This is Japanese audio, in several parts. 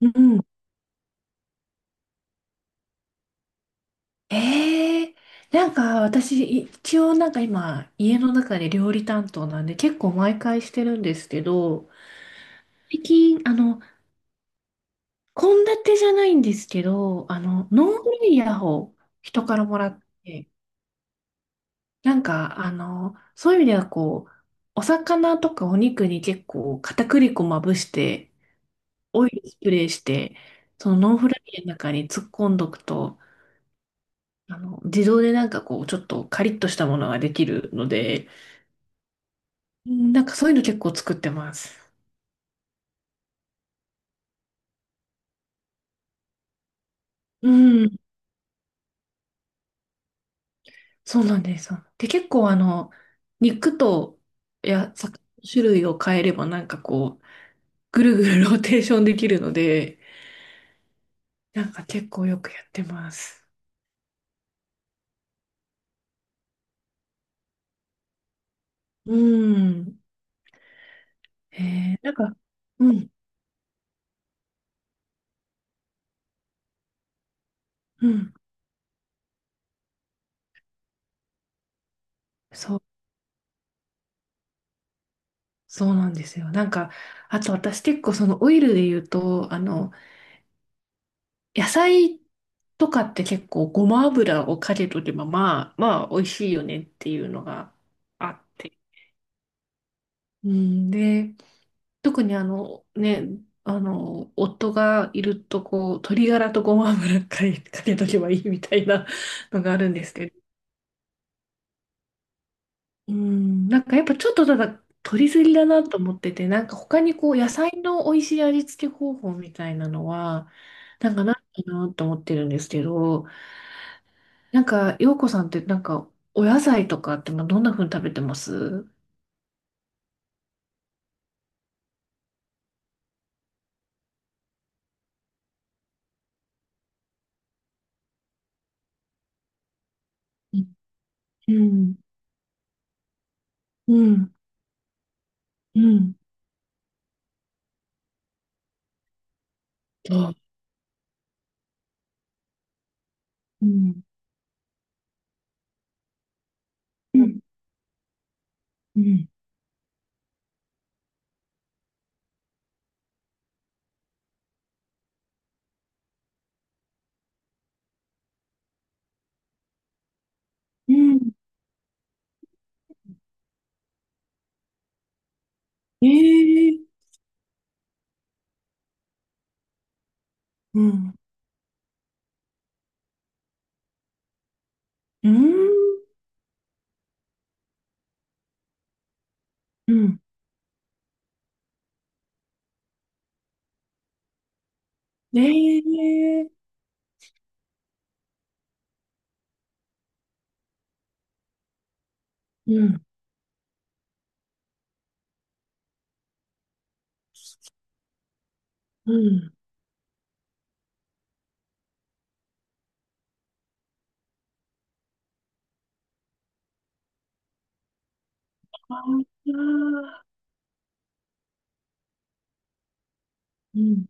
うん。ええ、なんか私、一応なんか今、家の中で料理担当なんで結構毎回してるんですけど、最近、献立じゃないんですけど、ノンフライヤーを人からもらって、なんか、そういう意味ではこう、お魚とかお肉に結構片栗粉まぶして、オイルスプレーして、そのノンフライヤーの中に突っ込んどくと、自動でなんかこう、ちょっとカリッとしたものができるので、うん、なんかそういうの結構作ってます。うん。そうなんです。で、結構肉と、や、魚の種類を変えればなんかこう、ぐるぐるローテーションできるので、なんか結構よくやってます。うん。なんか、うん、うん、そう、そうなんですよ。なんか、あと私結構そのオイルで言うと、野菜とかって結構ごま油をかけとけば、まあ、美味しいよねっていうのがあって、うん、で、特にあのね、夫がいるとこう、鶏ガラとごま油かけとけばいいみたいなのがあるんですけど、うん、なんかやっぱちょっとただ取りすぎだなと思ってて、なんか他にこう、野菜の美味しい味付け方法みたいなのは、なんかないかなと思ってるんですけど、なんか、洋子さんってなんか、お野菜とかってまあどんな風に食べてますう？ん、うん、うん。うん、そう、うん、うん、うん。うん。ええ、うん。うん。うん。ええ、うん。うん。ああ。うん。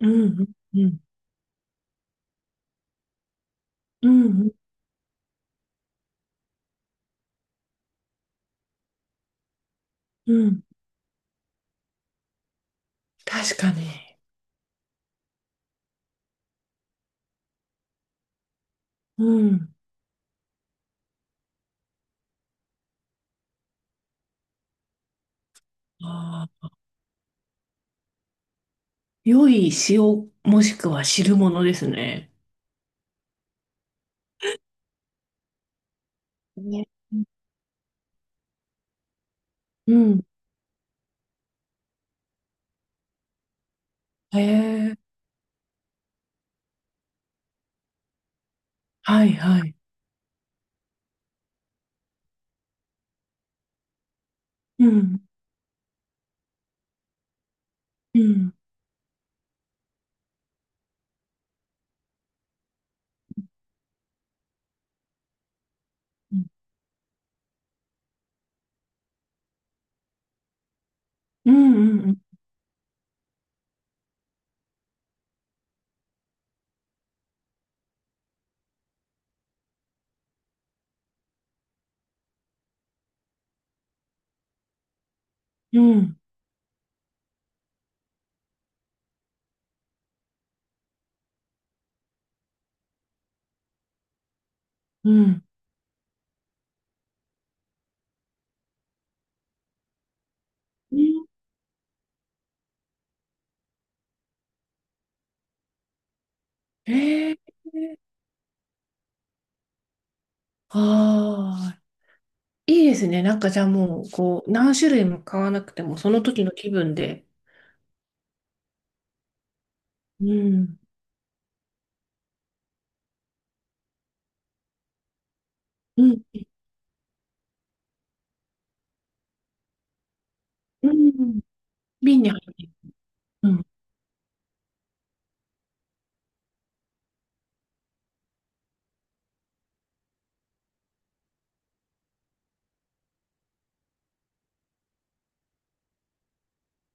うん。うん。うん。うん。確かに。うん。ああ。良い塩もしくは汁物ですね。ね。うん。へえ。はい、はい。うん。うん。うん。うん。うん。うん。うん。ええ。ああ。いいですね。なんかじゃあもう、こう、何種類も買わなくても、その時の気分で。うん。うん。うん。瓶に入ってる。うん。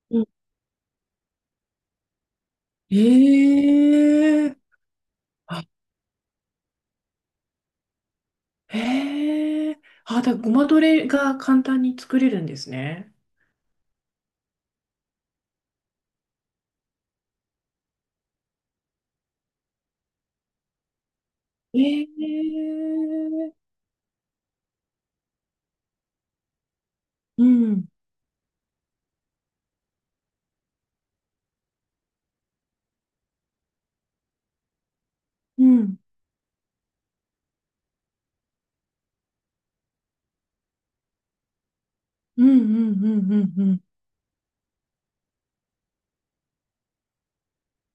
うん。ええ、あ、へえ、あ、だからごまドレが簡単に作れるんですね。ええ、うん。うん。うん。うん。うん。うん。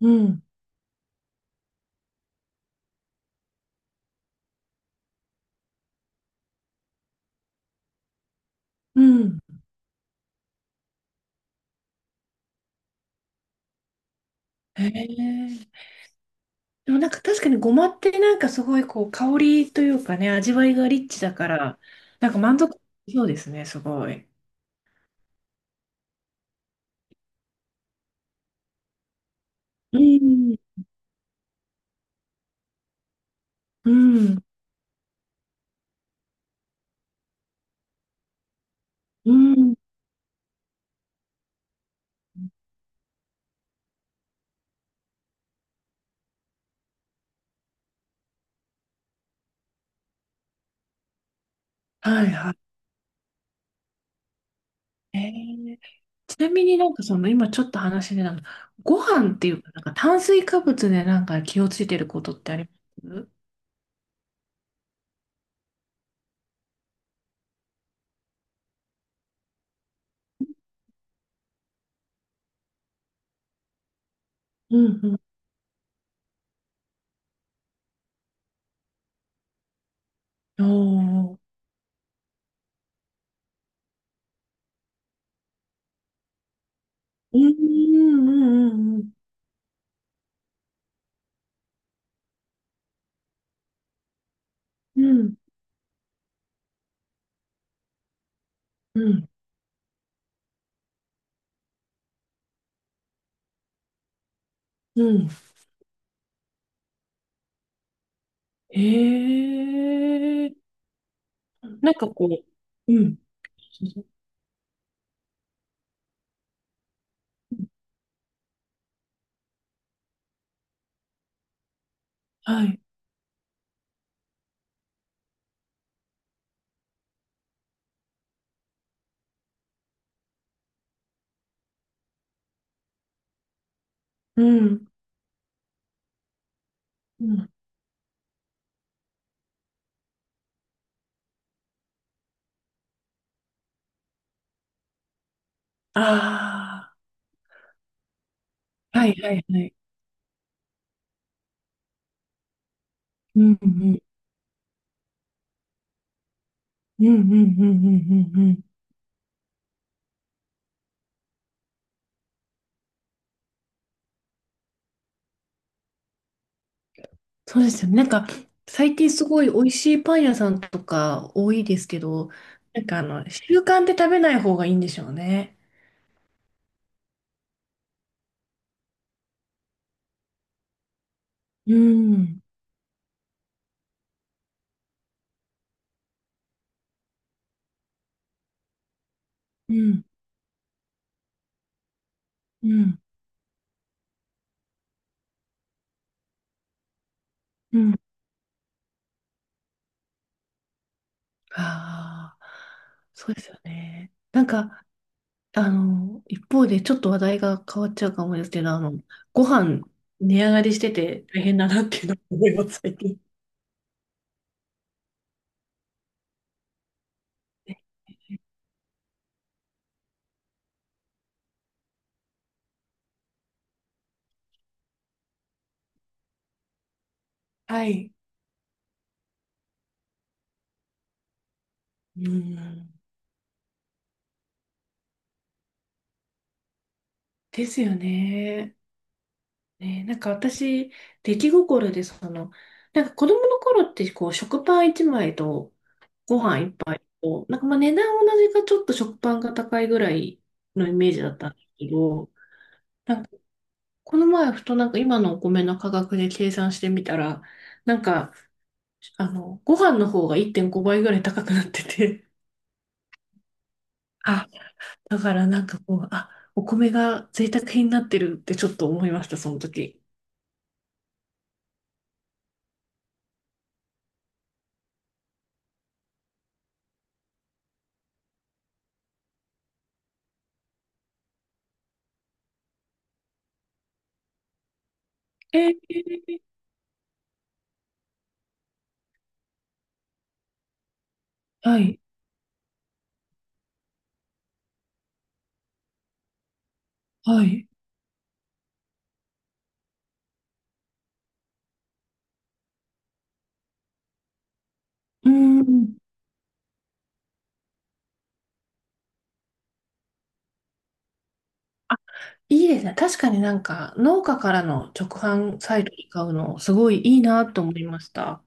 うん。うん。うん。へえ、でもなんか確かにごまってなんかすごいこう香りというかね、味わいがリッチだから、なんか満足そうですね、すごい。うん、うん、うん。はい、はい。ーちなみになんかその今ちょっと話でなんか、ご飯っていうか、なんか炭水化物でなんか気をついてることってありますう？んうん。おー。うんうんうんうんうん。うんうん。えー。なんかこう、うん。はい。うん。うん。ああ、はい、はい、はい。うんうん。うんうんうんうんうんうん。そうですよね。なんか、最近すごい美味しいパン屋さんとか多いですけど、なんかあの、習慣で食べない方がいいんでしょうね。うん。うん。うん。うん。ああ、そうですよね。なんか、あの、一方でちょっと話題が変わっちゃうかもですけど、あの、ご飯値上がりしてて大変だなっていうのを思います、最近。はい。うん、ですよね。ね、なんか私、出来心でその、なんか子供の頃ってこう食パン1枚とご飯1杯と、なんかまあ値段同じかちょっと食パンが高いぐらいのイメージだったんですけど、この前ふとなんか今のお米の価格で計算してみたら、なんかあのご飯の方が1.5倍ぐらい高くなってて、あ、だからなんかこう、あ、お米が贅沢品になってるってちょっと思いました、その時。えー、はい、はい。うーん。あ、いいですね。確かになんか、農家からの直販サイトで買うの、すごいいいなと思いました。